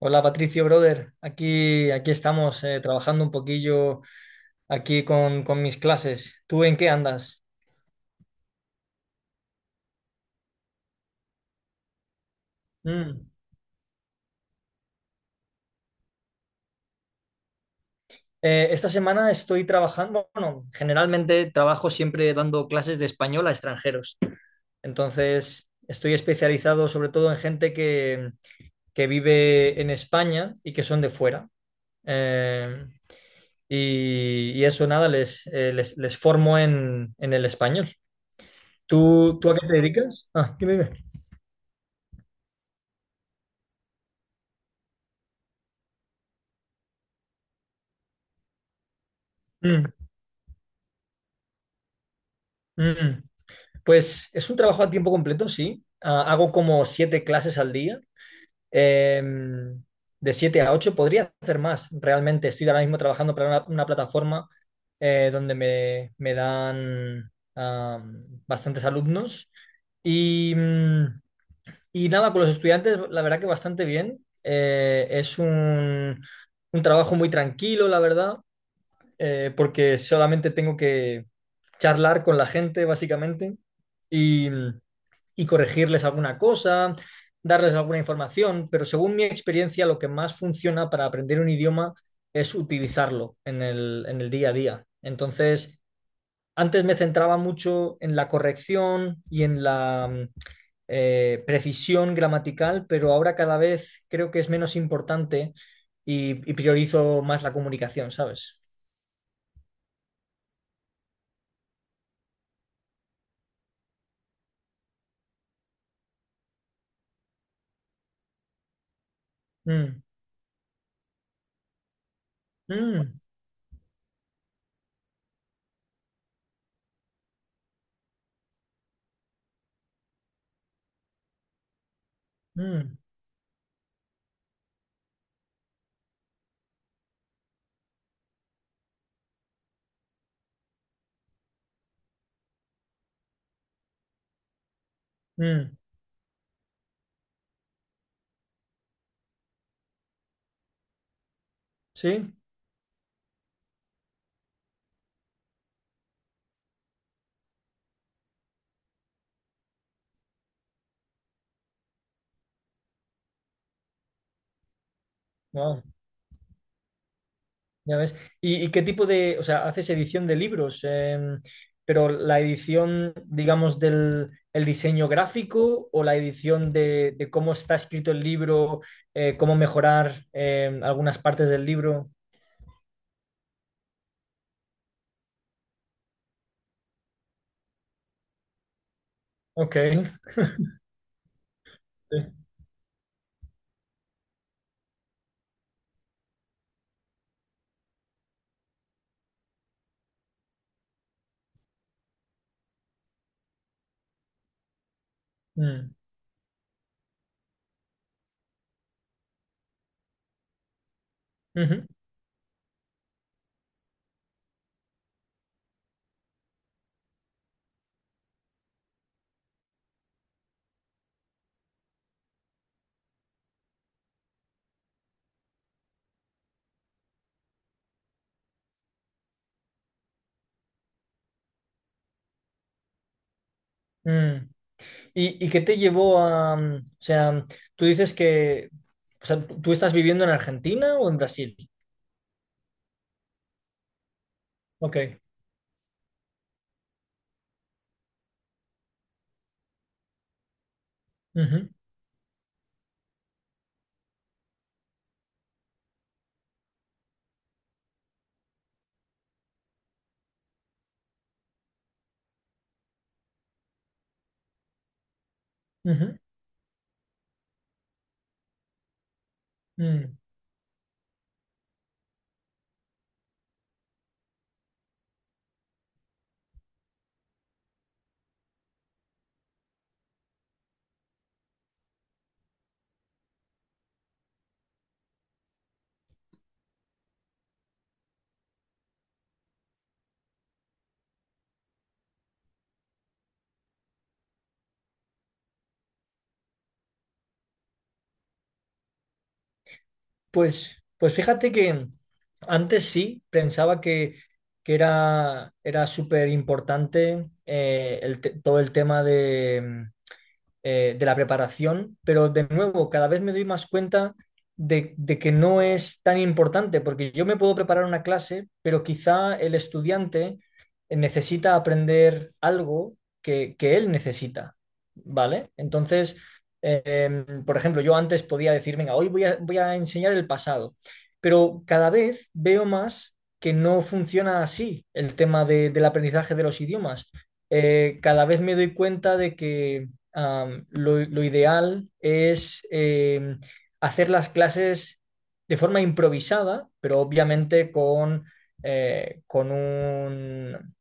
Hola Patricio, brother. Aquí estamos, trabajando un poquillo aquí con mis clases. ¿Tú en qué andas? Mm. Esta semana estoy trabajando, bueno, generalmente trabajo siempre dando clases de español a extranjeros. Entonces, estoy especializado sobre todo en gente que vive en España y que son de fuera. Eh, y eso, nada, les formo en el español. ¿Tú a qué te dedicas? Ah, dime. Mm. Pues es un trabajo a tiempo completo, sí. Ah, hago como siete clases al día, em, de siete a ocho. Podría hacer más, realmente. Estoy ahora mismo trabajando para una plataforma donde me dan, bastantes alumnos. Y, mm, y nada, con los estudiantes, la verdad que bastante bien. Un trabajo muy tranquilo, la verdad, porque solamente tengo que charlar con la gente, básicamente, y, y corregirles alguna cosa, darles alguna información, pero según mi experiencia, lo que más funciona para aprender un idioma es utilizarlo en el día a día. Entonces, antes me centraba mucho en la corrección y en la precisión gramatical, pero ahora cada vez creo que es menos importante y priorizo más la comunicación, ¿sabes? Mm, mm. Mm, mm, sí. Wow, ya ves. ¿Y qué tipo de, o sea, haces edición de libros, pero la edición, digamos, del el diseño gráfico o la edición de cómo está escrito el libro, cómo mejorar, algunas partes del libro? Ok. Sí, mm, ujú, mm. ¿Y qué te llevó a, mm, o sea, tú dices que, o sea, ¿tú estás viviendo en Argentina o en Brasil? Ok. Ujú, ujú, mm. Pues, pues fíjate que antes sí pensaba que era, era súper importante el te- todo el tema de la preparación, pero de nuevo, cada vez me doy más cuenta de que no es tan importante, porque yo me puedo preparar una clase, pero quizá el estudiante necesita aprender algo que él necesita, ¿vale? Entonces, por ejemplo, yo antes podía decir, venga, hoy voy a enseñar el pasado, pero cada vez veo más que no funciona así el tema de- del aprendizaje de los idiomas. Cada vez me doy cuenta de que lo ideal es hacer las clases de forma improvisada, pero obviamente con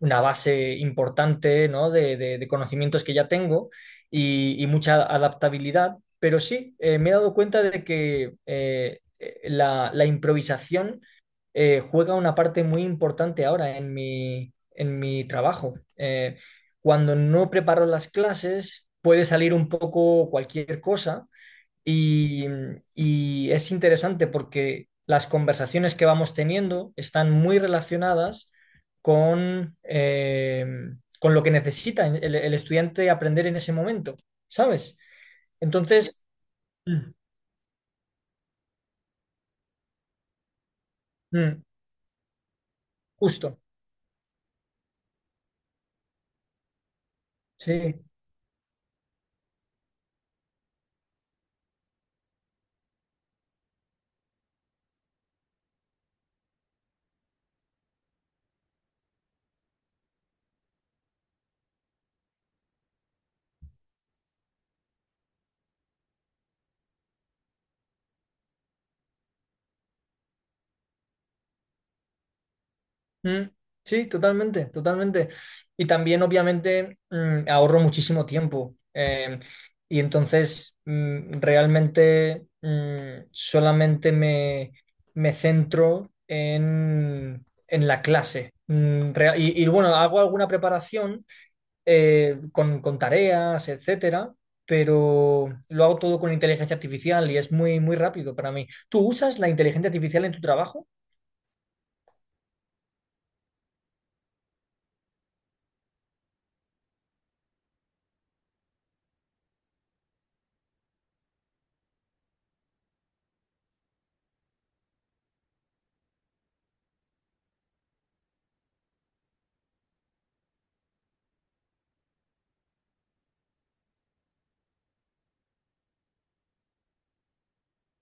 una base importante, ¿no?, de conocimientos que ya tengo y mucha adaptabilidad, pero sí, me he dado cuenta de que la improvisación juega una parte muy importante ahora en mi trabajo. Cuando no preparo las clases, puede salir un poco cualquier cosa y, y es interesante porque las conversaciones que vamos teniendo están muy relacionadas con, eh, con lo que necesita el estudiante aprender en ese momento, ¿sabes? Entonces, mm, mm, justo, sí. Mm, sí, totalmente, totalmente. Y también, obviamente, ahorro muchísimo tiempo. Y entonces, realmente, solamente me centro en la clase. Bueno, hago alguna preparación, con tareas, etcétera, pero lo hago todo con inteligencia artificial y es muy, muy rápido para mí. ¿Tú usas la inteligencia artificial en tu trabajo?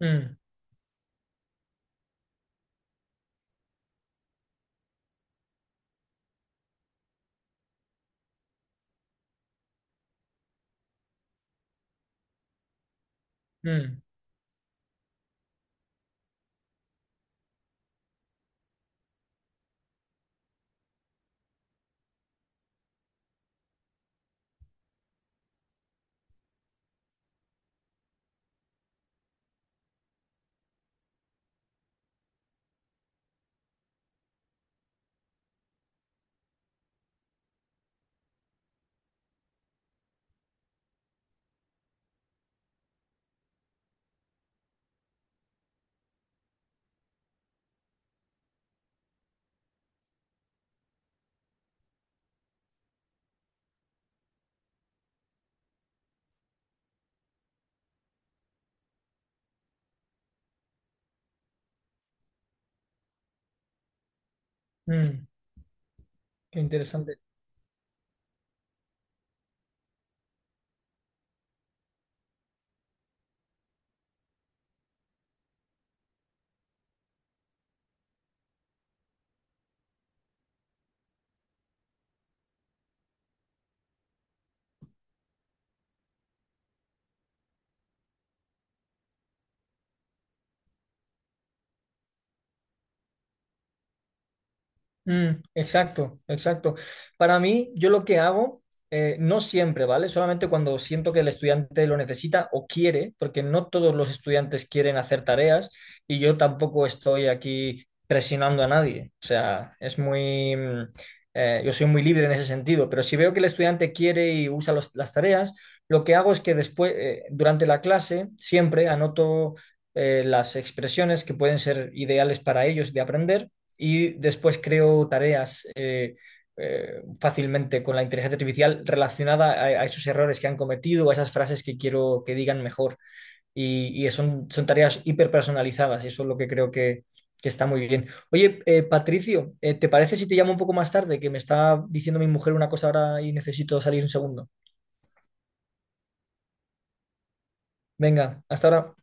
Mm, mm, mm. Qué interesante. Mm, exacto, exacto. Para mí, yo lo que hago, no siempre, ¿vale? Solamente cuando siento que el estudiante lo necesita o quiere, porque no todos los estudiantes quieren hacer tareas y yo tampoco estoy aquí presionando a nadie. O sea, es muy, yo soy muy libre en ese sentido, pero si veo que el estudiante quiere y usa los- las tareas, lo que hago es que después, durante la clase, siempre anoto las expresiones que pueden ser ideales para ellos de aprender y después creo tareas, fácilmente con la inteligencia artificial relacionada a esos errores que han cometido, a esas frases que quiero que digan mejor. Son tareas hiperpersonalizadas y eso es lo que creo que está muy bien. Oye, Patricio, ¿te parece si te llamo un poco más tarde? Que me está diciendo mi mujer una cosa ahora y necesito salir un segundo. Venga, hasta ahora.